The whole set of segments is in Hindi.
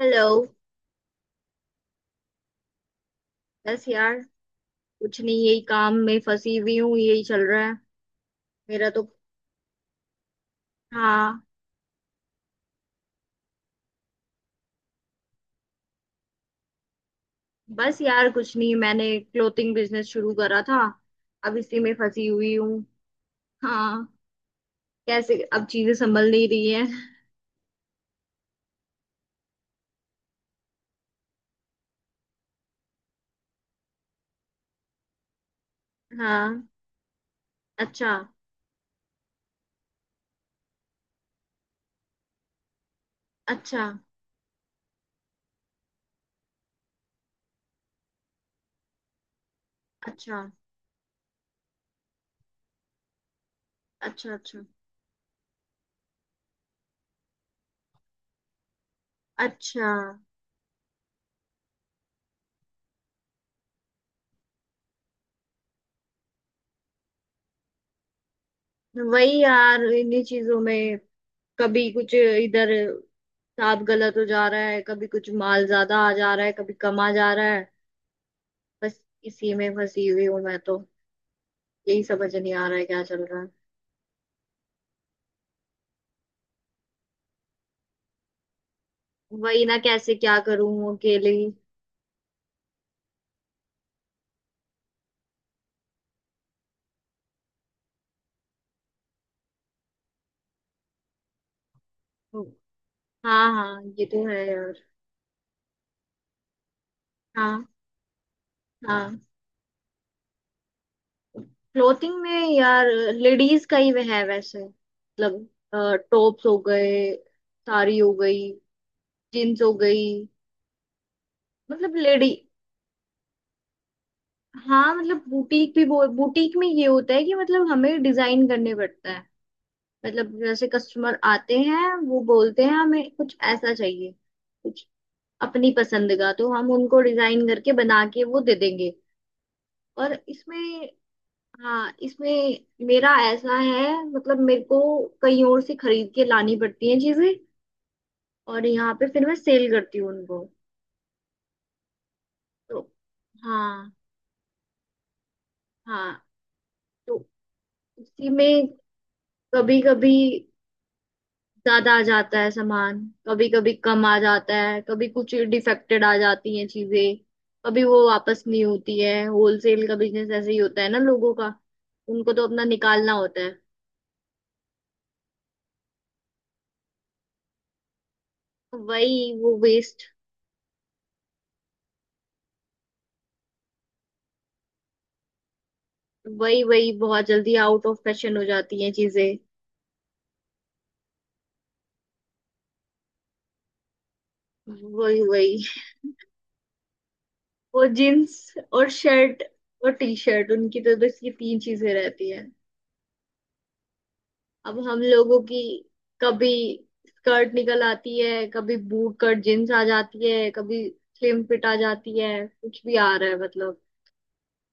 हेलो। बस यार कुछ नहीं, यही काम में फंसी हुई हूँ, यही चल रहा है मेरा तो। हाँ। बस यार कुछ नहीं, मैंने क्लोथिंग बिजनेस शुरू करा था, अब इसी में फंसी हुई हूँ। हाँ। कैसे अब चीजें संभल नहीं रही है। हाँ। अच्छा। अच्छा। अच्छा। अच्छा। अच्छा। अच्छा। वही यार, इन्हीं चीजों में कभी कुछ इधर साफ गलत हो जा रहा है, कभी कुछ माल ज्यादा आ जा रहा है, कभी कम आ जा रहा है। बस इसी में फंसी हुई हूँ मैं तो। यही समझ नहीं आ रहा है क्या चल रहा है। वही ना, कैसे क्या करूँ अकेले ही। हाँ हाँ, ये तो है यार। हाँ। हाँ। क्लोथिंग में यार लेडीज का ही वह है वैसे, मतलब टॉप्स हो गए, साड़ी हो गई, जीन्स हो गई। मतलब लेडी। हाँ, मतलब बुटीक भी। बुटीक में ये होता है कि मतलब हमें डिजाइन करने पड़ता है। मतलब जैसे कस्टमर आते हैं वो बोलते हैं हमें कुछ ऐसा चाहिए, कुछ अपनी पसंद का, तो हम उनको डिजाइन करके बना के वो दे देंगे। और इसमें। हाँ इसमें मेरा ऐसा है, मतलब मेरे को कहीं और से खरीद के लानी पड़ती हैं चीजें और यहाँ पे फिर मैं सेल करती हूँ उनको। तो। हाँ। हाँ। तो उसी में कभी कभी ज्यादा आ जाता है सामान, कभी कभी कम आ जाता है, कभी कुछ डिफेक्टेड आ जाती हैं चीजें। कभी वो वापस नहीं होती है, होलसेल का बिजनेस ऐसे ही होता है ना लोगों का। उनको तो अपना निकालना होता है। वही। वो वेस्ट। वही वही, बहुत जल्दी आउट ऑफ फैशन हो जाती हैं चीजें। वही वही। वो जीन्स और शर्ट और टी शर्ट, उनकी तो बस ये तीन चीजें रहती हैं। अब हम लोगों की कभी स्कर्ट निकल आती है, कभी बूट कट जींस आ जाती है, कभी स्लिम फिट आ जाती है, कुछ भी आ रहा है, मतलब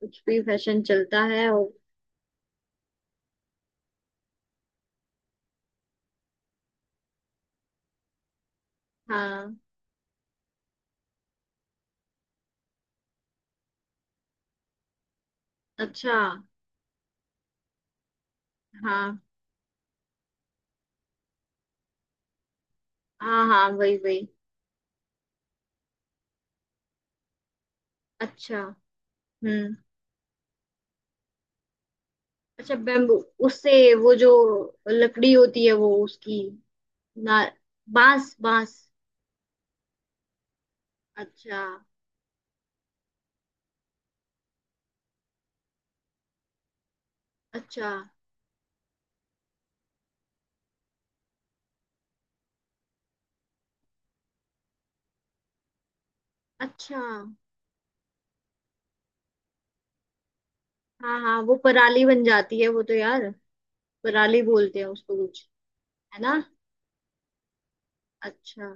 कुछ भी फैशन चलता है। और हाँ। अच्छा। हाँ हाँ हाँ वही वही। अच्छा। हम्म। अच्छा बेम्बू, उससे वो जो लकड़ी होती है वो उसकी ना। बांस। बांस। अच्छा। अच्छा। अच्छा। हाँ हाँ, वो पराली बन जाती है वो तो यार। पराली बोलते हैं उसको कुछ। है ना। अच्छा।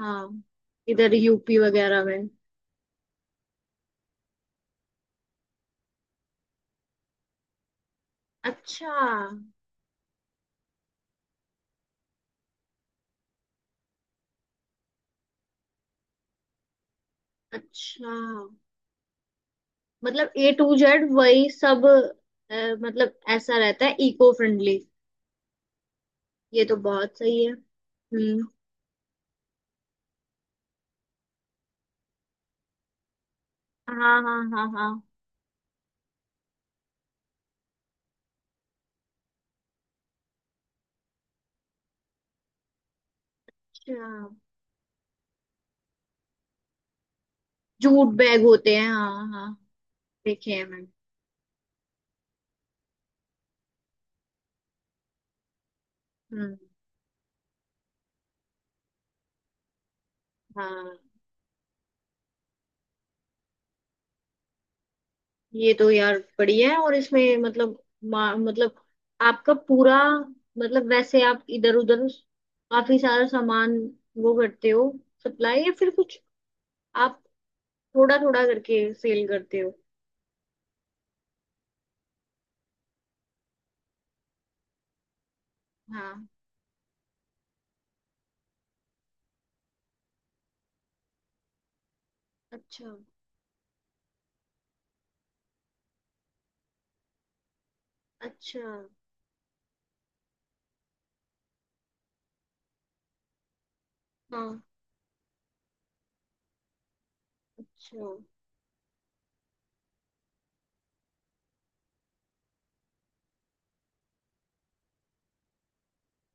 हाँ। इधर UP वगैरह में। अच्छा। अच्छा। मतलब A to Z वही सब। अ, मतलब ऐसा रहता है इको फ्रेंडली। ये तो बहुत सही है। हम्म। हाँ हाँ हाँ हाँ। अच्छा। जूट बैग होते हैं हाँ हाँ। देखे हैं मैंने। हम्म। हाँ, ये तो यार बढ़िया है। और इसमें मतलब मतलब आपका पूरा, मतलब वैसे आप इधर उधर काफी सारा सामान वो करते हो, सप्लाई या फिर कुछ, आप थोड़ा थोड़ा करके सेल करते हो। हाँ। अच्छा। अच्छा। हाँ। अच्छा।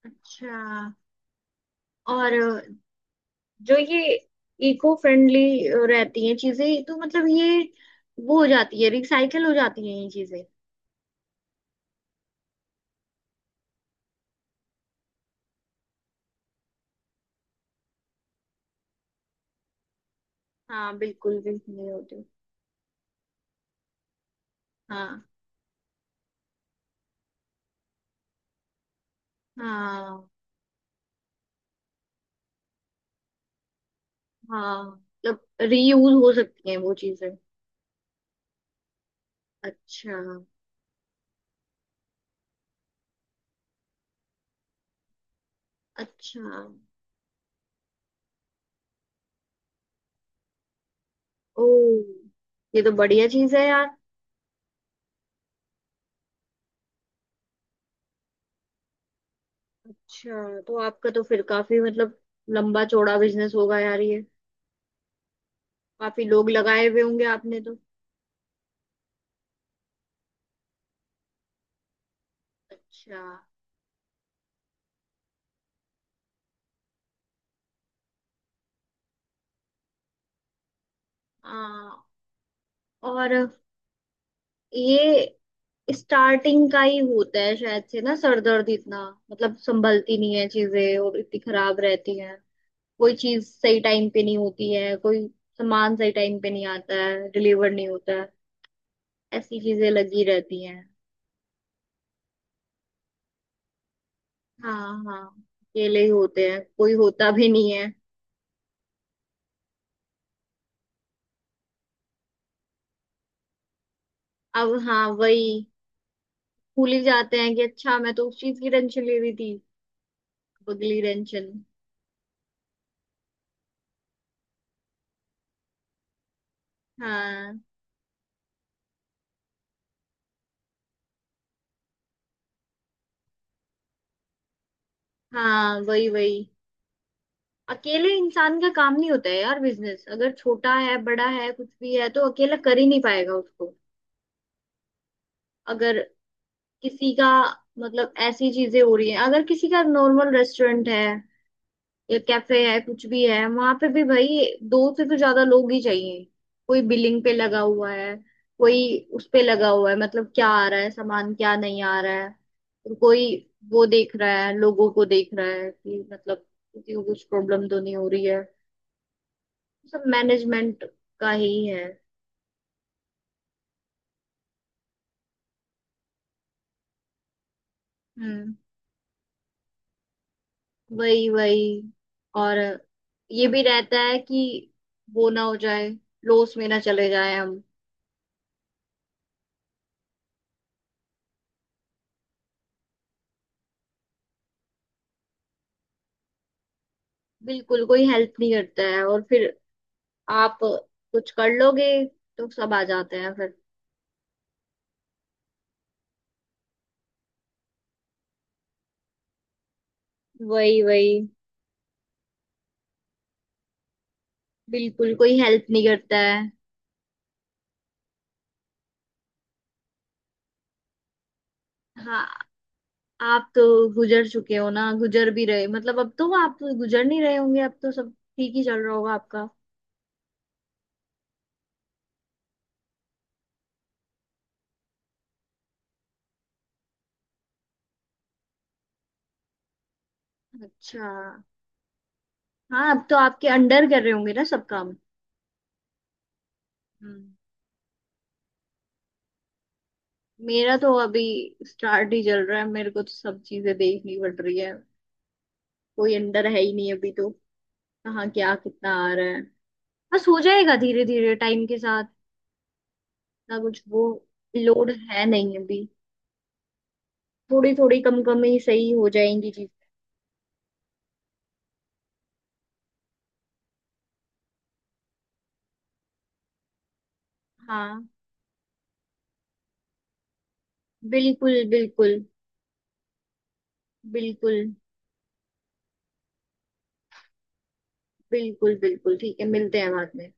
अच्छा। और जो ये इको फ्रेंडली रहती हैं चीजें, तो मतलब ये वो हो जाती है, रिसाइकल हो जाती हैं ये चीजें। हाँ, बिल्कुल भी नहीं होती। हाँ। हाँ। हाँ मतलब रीयूज हो सकती हैं वो चीजें। अच्छा। अच्छा। ओ, ये तो बढ़िया चीज है यार। अच्छा, तो आपका तो फिर काफी मतलब लंबा चौड़ा बिजनेस होगा यार ये। काफी लोग लगाए हुए होंगे आपने तो। अच्छा। हाँ। और ये स्टार्टिंग का ही होता है शायद से ना, सरदर्द इतना। मतलब संभलती नहीं है चीजें और इतनी खराब रहती, कोई चीज सही टाइम पे नहीं होती है, कोई सामान सही टाइम पे नहीं आता है, डिलीवर नहीं होता है, ऐसी चीजें लगी रहती हैं। हाँ हाँ, अकेले ही होते हैं, कोई होता भी नहीं है। अब हाँ वही, भूल ही जाते हैं कि अच्छा, मैं तो उस चीज की टेंशन ले रही थी। अगली टेंशन। हाँ हाँ वही वही। अकेले इंसान का काम नहीं होता है यार, बिजनेस अगर छोटा है बड़ा है कुछ भी है, तो अकेला कर ही नहीं पाएगा उसको। अगर किसी का, मतलब ऐसी चीजें हो रही है, अगर किसी का नॉर्मल रेस्टोरेंट है या कैफे है कुछ भी है, वहां पे भी भाई दो से तो ज्यादा लोग ही चाहिए। कोई बिलिंग पे लगा हुआ है, कोई उस पे लगा हुआ है, मतलब क्या आ रहा है सामान क्या नहीं आ रहा है, और कोई वो देख रहा है, लोगों को देख रहा है कि मतलब किसी को कुछ प्रॉब्लम तो नहीं हो रही है। सब मैनेजमेंट का ही है। हम्म। वही वही। और ये भी रहता है कि वो ना हो जाए, लॉस में ना चले जाए हम। बिल्कुल, कोई हेल्प नहीं करता है और फिर आप कुछ कर लोगे तो सब आ जाते हैं फिर। वही वही। बिल्कुल, कोई हेल्प नहीं करता है। हाँ। आप तो गुजर चुके हो ना, गुजर भी रहे, मतलब अब तो आप गुजर नहीं रहे होंगे, अब तो सब ठीक ही चल रहा होगा आपका। अच्छा। हाँ, अब तो आपके अंडर कर रहे होंगे ना सब काम। हम्म। मेरा तो अभी स्टार्ट ही चल रहा है, मेरे को तो सब चीजें देखनी पड़ रही है, कोई अंडर है ही नहीं अभी तो। कहाँ क्या कितना आ रहा है, बस हो जाएगा धीरे धीरे टाइम के साथ। ना, कुछ वो लोड है नहीं अभी, थोड़ी थोड़ी कम कम ही सही हो जाएंगी चीजें। हाँ बिल्कुल बिल्कुल बिल्कुल बिल्कुल। बिल्कुल ठीक है, मिलते हैं बाद में।